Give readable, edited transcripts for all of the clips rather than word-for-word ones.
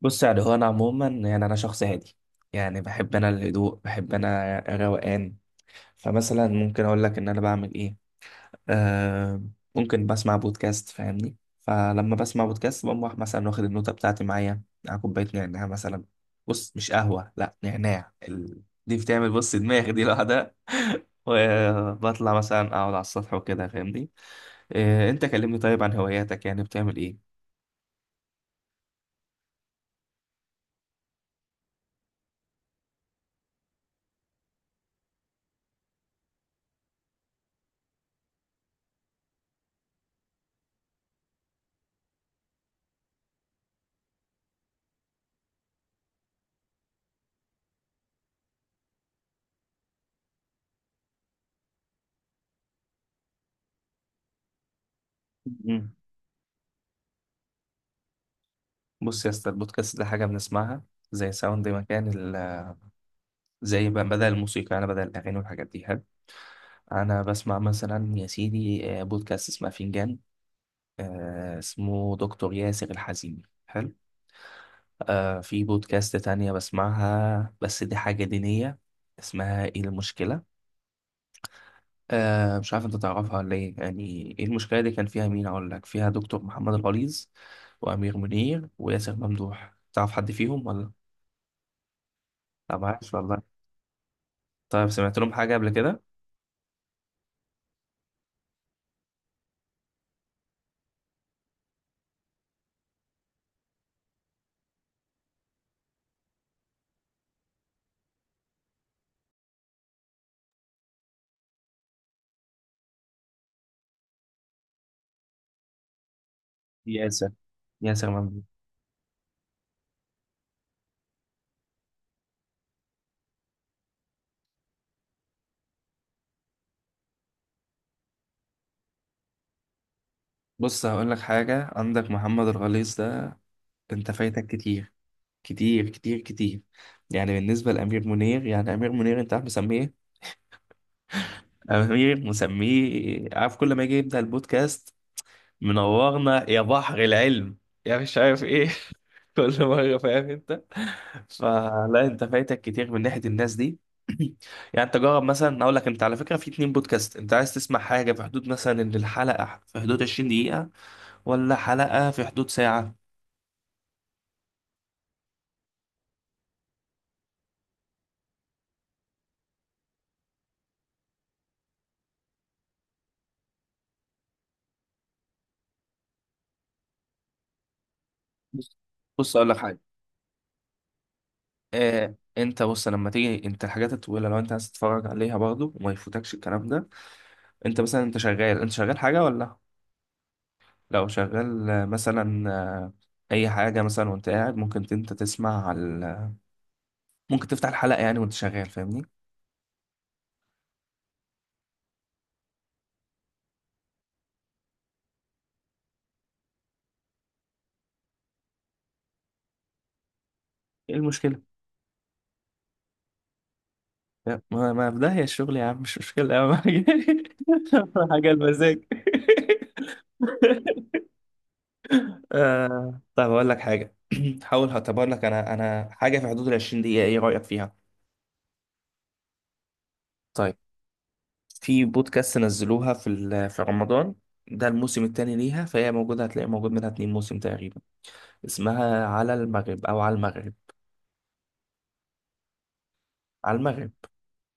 بص، يعني هو انا عموما، يعني انا شخص هادي. يعني بحب انا الهدوء، بحب انا الروقان. فمثلا ممكن اقول لك ان انا بعمل ايه. آه ممكن بسمع بودكاست، فاهمني. فلما بسمع بودكاست بقوم رايح مثلا واخد النوتة بتاعتي معايا على كوباية نعناع مثلا. بص، مش قهوة، لا، نعناع. دي بتعمل، بص، دماغ دي لوحدها. وبطلع مثلا اقعد على السطح وكده، فاهمني. آه، انت كلمني طيب عن هواياتك، يعني بتعمل ايه؟ بص يا اسطى، البودكاست ده حاجة بنسمعها زي ساوند مكان. ال... زي بدل الموسيقى، أنا بدل الأغاني والحاجات دي، حلو. أنا بسمع مثلا، يا سيدي، بودكاست اسمه فنجان، اسمه دكتور ياسر الحزيمي، حلو. في بودكاست تانية بسمعها، بس دي حاجة دينية، اسمها إيه المشكلة. مش عارف أنت تعرفها ولا إيه. يعني إيه المشكلة دي، كان فيها مين؟ أقول لك فيها دكتور محمد الغليظ وأمير منير وياسر ممدوح، تعرف حد فيهم ولا؟ لا، معرفش والله. طيب، سمعت لهم حاجة قبل كده؟ ياسر ياسر ممدوح. بص، هقول لك حاجة، عندك محمد الغليظ ده انت فايتك كتير، كتير كتير كتير. يعني بالنسبة لأمير منير، يعني أمير منير انت عارف مسميه إيه؟ أمير مسميه، عارف، كل ما يجي يبدأ البودكاست: منورنا يا بحر العلم، يا مش عارف ايه. كل مره، فاهم انت. فلا، انت فايتك كتير من ناحيه الناس دي. يعني انت جرب، مثلا اقول لك، انت على فكره في اتنين بودكاست. انت عايز تسمع حاجه في حدود مثلا ان الحلقه في حدود 20 دقيقه، ولا حلقه في حدود ساعه؟ بص، بص اقول لك حاجه. آه، انت بص، لما تيجي انت الحاجات الطويله، لو انت عايز تتفرج عليها برضو وما يفوتكش الكلام ده، انت مثلا، انت شغال حاجه ولا؟ لو شغال، مثلا، اي حاجه مثلا وانت قاعد، ممكن انت تسمع على، ممكن تفتح الحلقه يعني وانت شغال، فاهمني؟ ايه المشكله؟ لا، ما ما في داهيه الشغل يا عم، مش مشكله، اهم حاجه أهم حاجه المزاج. طيب اقول لك حاجه. حاول، هعتبر لك انا حاجه في حدود ال 20 دقيقه، ايه رايك فيها؟ طيب، في بودكاست نزلوها في رمضان. ده الموسم الثاني ليها، فهي موجوده، هتلاقي موجود منها اتنين موسم تقريبا. اسمها على المغرب او على المغرب. على المغرب.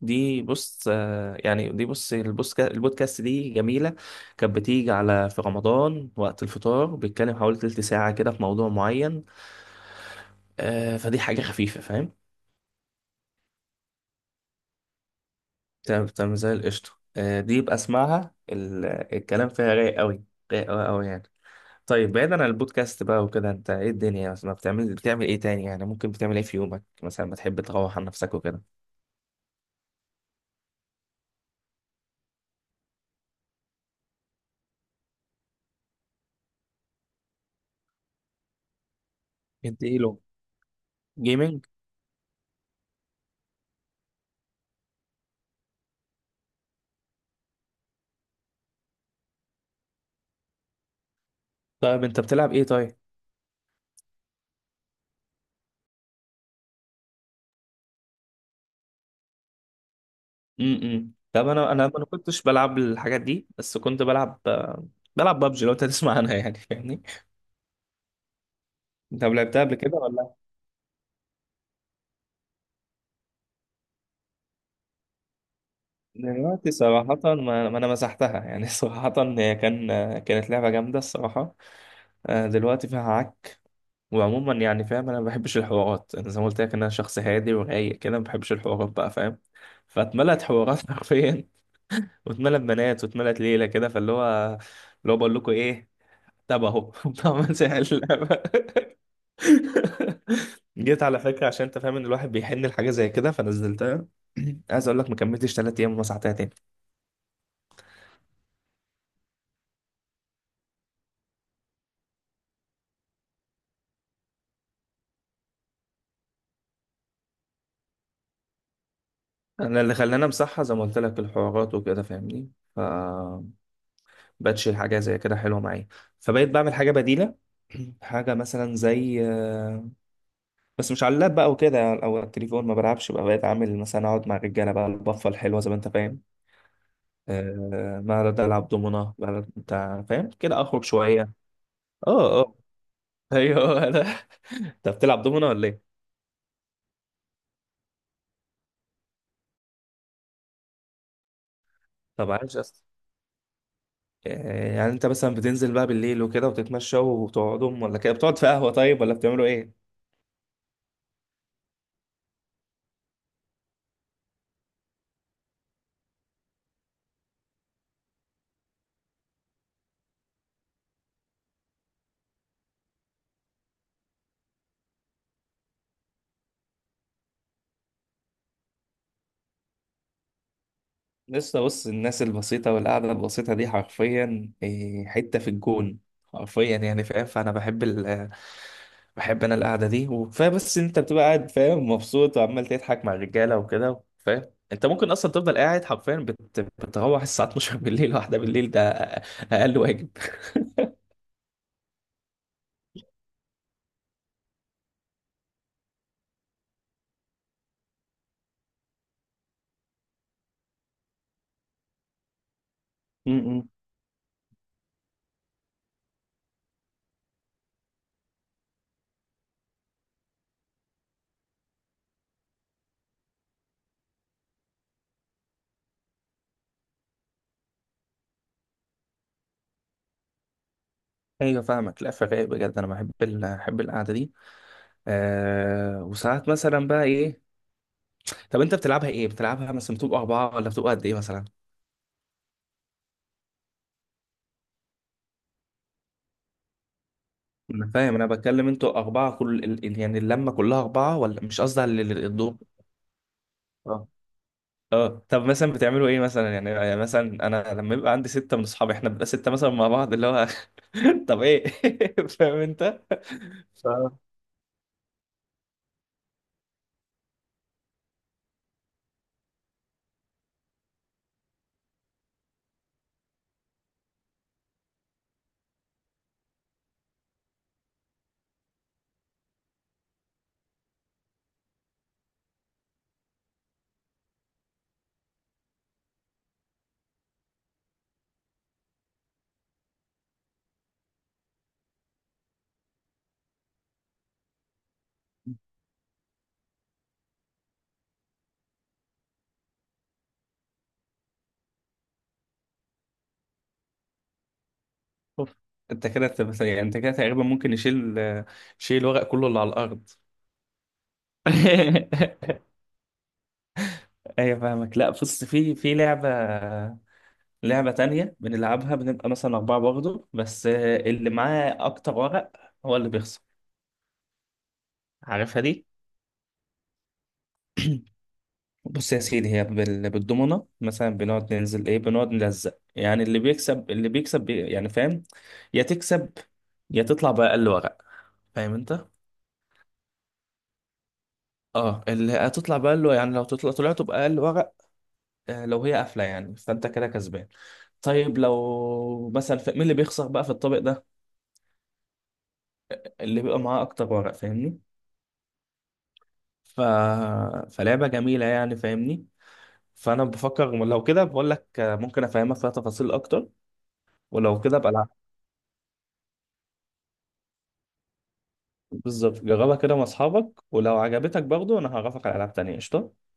دي بص، يعني دي، بص، البودكاست دي جميلة. كانت بتيجي على في رمضان وقت الفطار، بيتكلم حوالي تلت ساعة كده في موضوع معين. فدي حاجة خفيفة، فاهم. تمام تمام، زي القشطة. دي يبقى اسمعها. الكلام فيها رايق قوي، رايق قوي قوي يعني. طيب، بعيدا عن البودكاست بقى وكده، انت ايه الدنيا مثلا بتعمل ايه تاني؟ يعني ممكن بتعمل ايه في يومك مثلا، بتحب تروح عن نفسك وكده؟ اديله. جيمنج. طيب، انت بتلعب ايه طيب؟ طب، انا ما كنتش بلعب الحاجات دي، بس كنت بلعب بابجي، لو انت تسمع عنها يعني، فاهمني. انت لعبتها قبل كده ولا؟ دلوقتي صراحة، ما ما انا مسحتها يعني. صراحة، هي كانت لعبة جامدة الصراحة. دلوقتي فيها عك. وعموما يعني، فاهم، انا ما بحبش الحوارات، انا زي ما قلت لك، انا شخص هادي ورايق كده، ما بحبش الحوارات بقى، فاهم. فاتملت حوارات حرفيا، واتملت بنات، واتملت ليلة كده، فاللي هو اللي هو بقول لكم ايه. طب اهو، طب ما انت اللعبة. جيت على فكره، عشان انت فاهم ان الواحد بيحن لحاجه زي كده، فنزلتها. عايز اقول لك، ما كملتش 3 ايام ومسحتها تاني. انا اللي خلاني امسحها، زي ما قلت لك، الحوارات وكده، فاهمني. ف بقتش حاجه زي كده حلوه معايا، فبقيت بعمل حاجه بديله. حاجه مثلا زي، بس مش على اللاب بقى وكده، يعني او على التليفون ما بلعبش بقى، بقيت عامل مثلا اقعد مع الرجاله بقى، البفه الحلوه زي ما انت فاهم. ما أقعد العب دومنه بقى، انت فاهم، كده اخرج شويه. اه، اه. ايوه، هو ده. انت بتلعب دومنا ولا ايه؟ طب، عايش اصلا، يعني انت مثلا بتنزل بقى بالليل وكده وتتمشى وبتقعدوا، ولا كده بتقعد في قهوة؟ طيب، ولا بتعملوا ايه؟ لسه بص، الناس البسيطة والقعدة البسيطة دي حرفيا إيه، حتة في الجون. حرفيا يعني، فاهم. فأنا بحب بحب أنا القعدة دي وكفاية، بس أنت بتبقى قاعد فاهم، مبسوط وعمال تضحك مع الرجالة وكده، فاهم أنت، ممكن أصلا تفضل قاعد حرفيا، بتروح الساعة 12 بالليل، واحدة بالليل ده. أقل واجب. ايوه فاهمك، لا، فرايق بجد، انا بحب بحب القعده دي. وساعات مثلا بقى ايه. طب انت بتلعبها ايه، بتلعبها مثلا بتبقى اربعه، ولا بتبقى قد ايه مثلا؟ انا فاهم، انا بتكلم انتوا اربعه كل يعني اللمه كلها اربعه، ولا مش قصدي على الدور. اه، اه. طب مثلا بتعملوا ايه مثلا يعني مثلا انا لما يبقى عندي سته من اصحابي، احنا بنبقى سته مثلا مع بعض، اللي هو طب ايه. فاهم انت. ف- أوف. انت كده يعني انت كده تقريبا ممكن شيل الورق كله اللي على الارض. ايوه فاهمك، لا بص، في لعبة تانية بنلعبها، بنبقى مثلا أربعة برضه، بس اللي معاه أكتر ورق هو اللي بيخسر. عارفها دي؟ بص يا سيدي، هي بالضمنة مثلا، بنقعد ننزل إيه، بنقعد نلزق، يعني اللي بيكسب بي يعني، فاهم؟ يا تكسب يا تطلع بأقل ورق، فاهم أنت؟ اه، اللي هتطلع بأقل يعني، لو طلعت بأقل ورق. لو هي قافلة يعني، فأنت كده كسبان. طيب، لو مثلا مين اللي بيخسر بقى في الطابق ده؟ اللي بيبقى معاه اكتر ورق، فاهمني. ف... فلعبة جميلة يعني، فاهمني. فانا بفكر، لو كده بقول لك ممكن افهمك فيها تفاصيل اكتر، ولو كده بلعب. بالظبط، جربها كده مع اصحابك ولو عجبتك برضو، انا هعرفك على العاب تانية قشطة.